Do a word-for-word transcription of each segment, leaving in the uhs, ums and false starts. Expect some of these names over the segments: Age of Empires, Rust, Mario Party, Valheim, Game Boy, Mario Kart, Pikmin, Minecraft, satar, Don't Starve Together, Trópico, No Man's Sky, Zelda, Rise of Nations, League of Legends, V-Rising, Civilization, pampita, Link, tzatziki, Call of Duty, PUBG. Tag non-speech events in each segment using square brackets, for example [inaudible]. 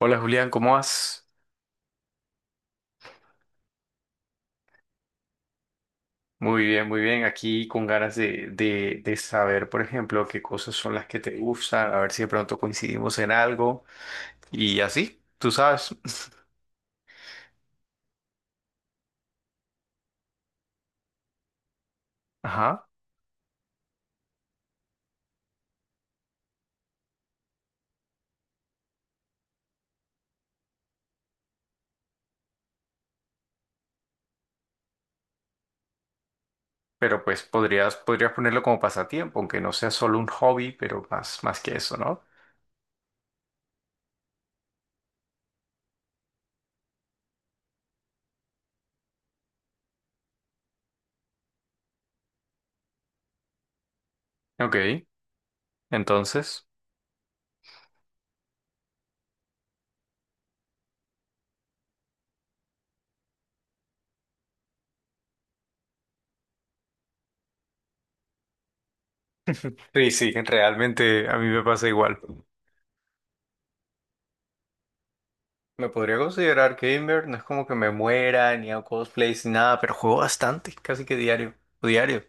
Hola Julián, ¿cómo vas? Muy bien, muy bien. Aquí con ganas de, de, de saber, por ejemplo, qué cosas son las que te gustan, a ver si de pronto coincidimos en algo y así, tú sabes. [laughs] Ajá. Pero pues podrías, podrías ponerlo como pasatiempo, aunque no sea solo un hobby, pero más, más que eso, ¿no? Ok, entonces. Sí, sí, realmente a mí me pasa igual. Me podría considerar gamer, no es como que me muera, ni hago cosplays, ni nada, pero juego bastante, casi que diario, o diario.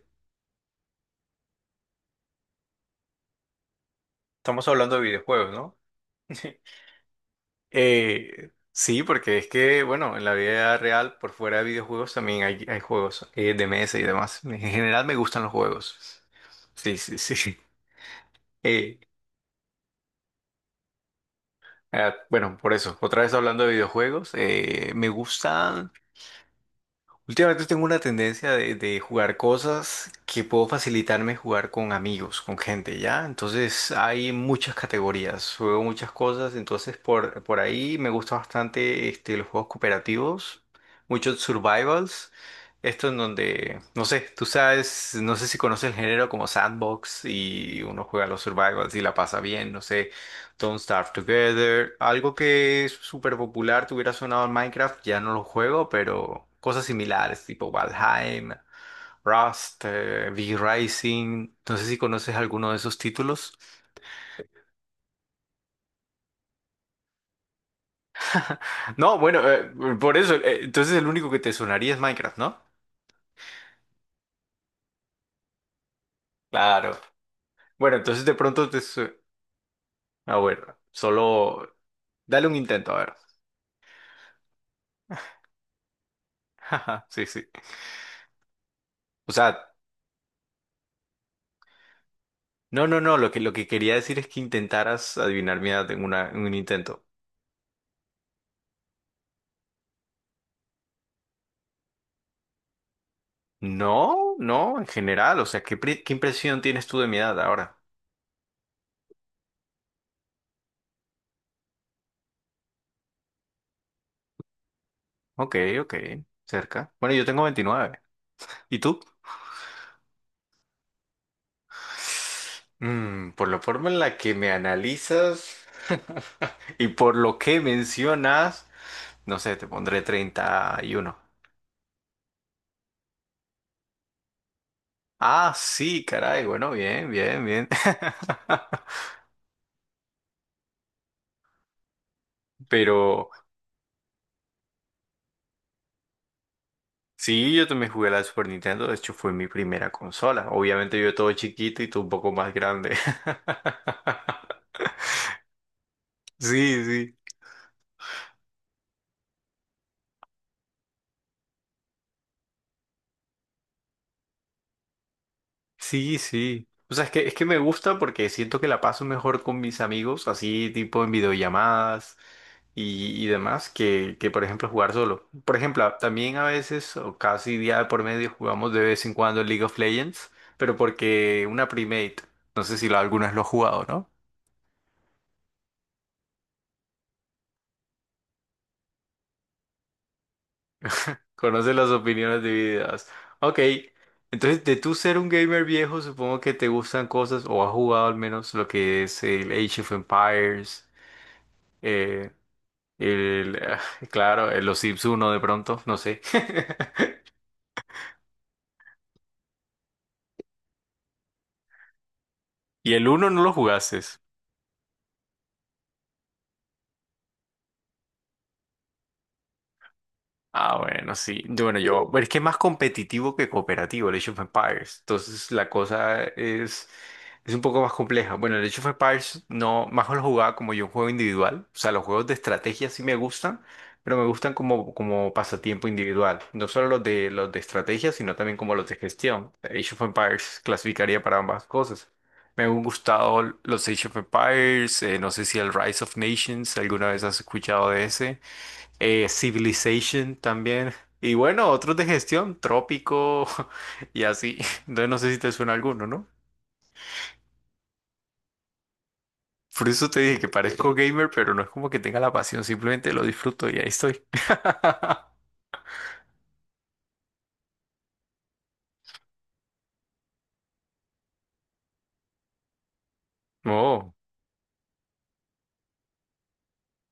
Estamos hablando de videojuegos, ¿no? [laughs] Eh, sí, porque es que, bueno, en la vida real, por fuera de videojuegos, también hay, hay juegos eh, de mesa y demás. En general me gustan los juegos. Sí, sí, sí. [laughs] Eh, ah, bueno, por eso, otra vez hablando de videojuegos, eh, me gustan. Últimamente tengo una tendencia de, de jugar cosas que puedo facilitarme jugar con amigos, con gente, ¿ya? Entonces hay muchas categorías, juego muchas cosas, entonces por, por ahí me gusta bastante este, los juegos cooperativos, muchos survivals, esto en donde, no sé, tú sabes, no sé si conoces el género como sandbox y uno juega los survivals y la pasa bien, no sé. Don't Starve Together. Algo que es súper popular, te hubiera sonado en Minecraft, ya no lo juego, pero cosas similares, tipo Valheim, Rust, eh, V-Rising. No sé si conoces alguno de esos títulos. No, bueno, eh, por eso, eh, entonces el único que te sonaría es Minecraft, ¿no? Claro. Bueno, entonces de pronto te... su-. A ver, solo dale un intento, a ver. [laughs] Sí, sí. O sea, no, no, no, lo que, lo que quería decir es que intentaras adivinar mi edad en una, en un intento. No, no, en general, o sea, ¿qué, pri- qué impresión tienes tú de mi edad ahora? Ok, ok, cerca. Bueno, yo tengo veintinueve. ¿Y tú? Mm, por la forma en la que me analizas [laughs] y por lo que mencionas, no sé, te pondré treinta y uno. Ah, sí, caray, bueno, bien, bien, bien. [laughs] Pero sí, yo también jugué a la Super Nintendo, de hecho fue mi primera consola. Obviamente yo todo chiquito y tú un poco más grande. [laughs] Sí, sí. Sí, sí. O sea, es que, es que me gusta porque siento que la paso mejor con mis amigos, así tipo en videollamadas y, y demás, que, que por ejemplo jugar solo. Por ejemplo, a- también a veces, o casi día de por medio, jugamos de vez en cuando League of Legends, pero porque una primate, no sé si lo, alguna vez lo has jugado, ¿no? Conoce las opiniones divididas. Ok, entonces de tú ser un gamer viejo, supongo que te gustan cosas, o has jugado al menos lo que es el Age of Empires eh, El, ah, claro, el- los Sims uno de pronto, no sé. [laughs] Y el uno no lo jugases. Ah, bueno, sí. Yo- Bueno, yo, pero es que es más competitivo que cooperativo el Age of Empires. Entonces la cosa es, es un poco más compleja. Bueno, el Age of Empires no, más lo jugaba como yo un juego individual. O sea, los juegos de estrategia sí me gustan, pero me gustan como, como pasatiempo individual. No solo los de, los de estrategia, sino también como los de gestión. Age of Empires clasificaría para ambas cosas. Me han gustado los Age of Empires, eh, no sé si el Rise of Nations, ¿alguna vez has escuchado de ese? Eh, Civilization también. Y bueno, otros de gestión, Trópico [laughs] y así. Entonces no sé si te suena alguno, ¿no? Por eso te dije que parezco gamer, pero no es como que tenga la pasión, simplemente lo disfruto y ahí estoy. [laughs] Oh,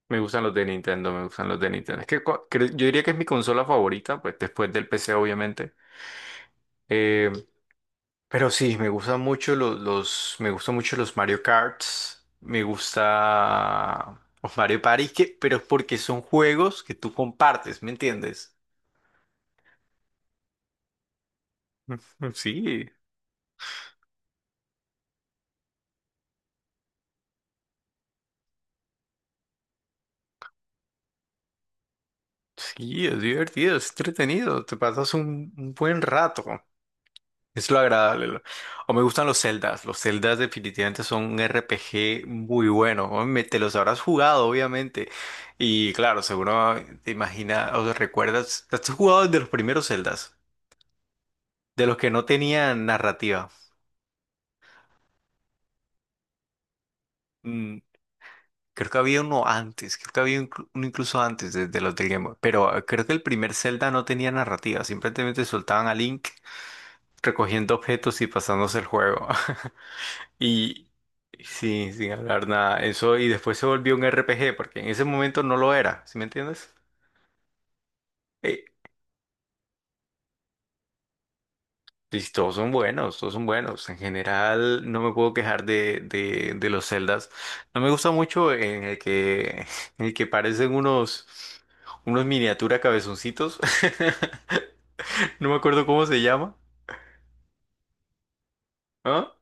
me gustan los de Nintendo, me gustan los de Nintendo. Es que cua- cre- yo diría que es mi consola favorita, pues después del P C, obviamente. Eh, Pero sí, me gustan mucho los, los, me gustan mucho los Mario Karts, me gusta los Mario Party, que, pero porque son juegos que tú compartes, ¿me entiendes? Mm. Sí, sí, es divertido, es entretenido, te pasas un, un buen rato, es lo agradable. lo-. O me gustan los Zeldas, los Zeldas definitivamente son un R P G muy bueno, ¿no? Me- te los habrás jugado, obviamente, y claro, seguro te imaginas, o recuerdas, ¿has jugado desde los primeros Zeldas? De los que no tenían narrativa. Mm, creo que había uno antes, creo que había inclu- uno incluso antes de, de los del Game Boy, pero eh, creo que el primer Zelda no tenía narrativa, simplemente soltaban a Link recogiendo objetos y pasándose el juego. [laughs] Y sí, sin hablar nada, eso y después se volvió un R P G, porque en ese momento no lo era, ¿sí me entiendes? Eh, Y todos son buenos, todos son buenos. En general, no me puedo quejar de, de, de los Zeldas. No me gusta mucho en el que, en el que parecen unos, unos miniatura cabezoncitos. [laughs] No me acuerdo cómo se llama. ¿Ah?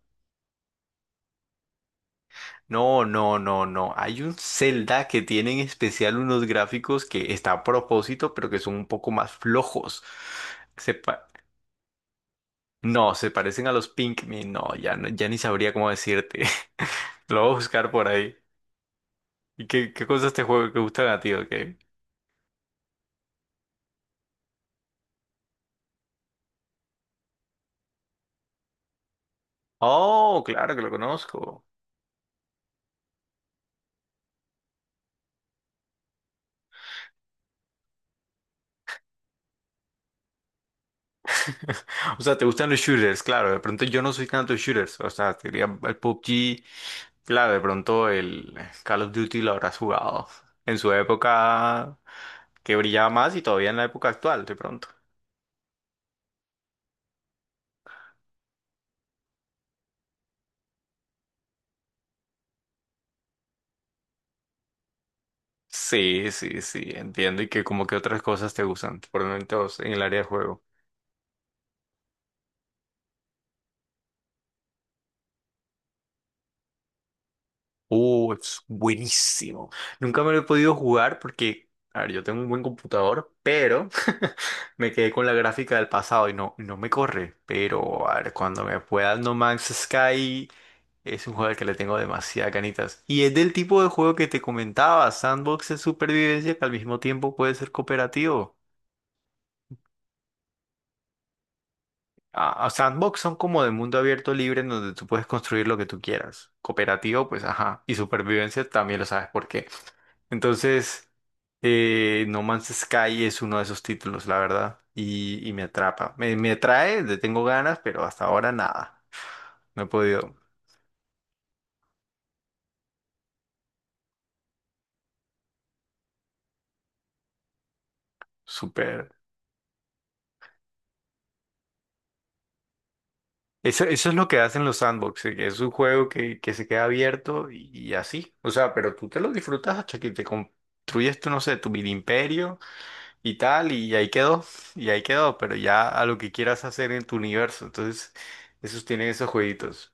No, no, no, no. Hay un Zelda que tiene en especial unos gráficos que está a propósito, pero que son un poco más flojos. Se pa- no, se parecen a los Pikmin. No, ya, no- ya ni sabría cómo decirte. [laughs] Lo voy a buscar por ahí. ¿Y qué, qué cosas te juego que gustan a ti, o... Oh, claro que lo conozco. [laughs] O sea, te gustan los shooters, claro. De pronto yo no soy tanto de shooters. O sea, te diría el P U B G, claro, de pronto el Call of Duty lo habrás jugado. En su época que brillaba más y todavía en la época actual, de pronto. Sí, sí, sí, entiendo. Y que como que otras cosas te gustan, por lo menos en el área de juego. Uh, es buenísimo. Nunca me lo he podido jugar porque, a ver, yo tengo un buen computador, pero [laughs] me quedé con la gráfica del pasado y no, no me corre. Pero, a ver, cuando me pueda No Man's Sky, es un juego al que le tengo demasiadas ganitas. Y es del tipo de juego que te comentaba, sandbox de supervivencia que al mismo tiempo puede ser cooperativo. Ah, ah, sandbox son como de mundo abierto libre en donde tú puedes construir lo que tú quieras. Cooperativo, pues ajá. Y supervivencia también lo sabes por qué. Entonces, eh, No Man's Sky es uno de esos títulos, la verdad. Y, y me atrapa. Me, me atrae, le tengo ganas, pero hasta ahora nada. No he podido super. Eso, eso es lo que hacen los sandbox, eh, que es un juego que, que se queda abierto y, y así. O sea, pero tú te lo disfrutas hasta que te construyes, tú, no sé, tu mini imperio y tal, y ahí quedó, y ahí quedó, pero ya a lo que quieras hacer en tu universo. Entonces, esos tienen esos jueguitos.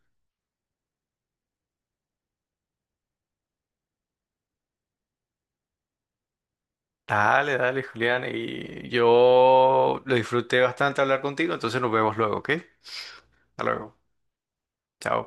Dale, dale, Julián, y yo lo disfruté bastante hablar contigo, entonces nos vemos luego, ¿ok? Hasta luego. Chao.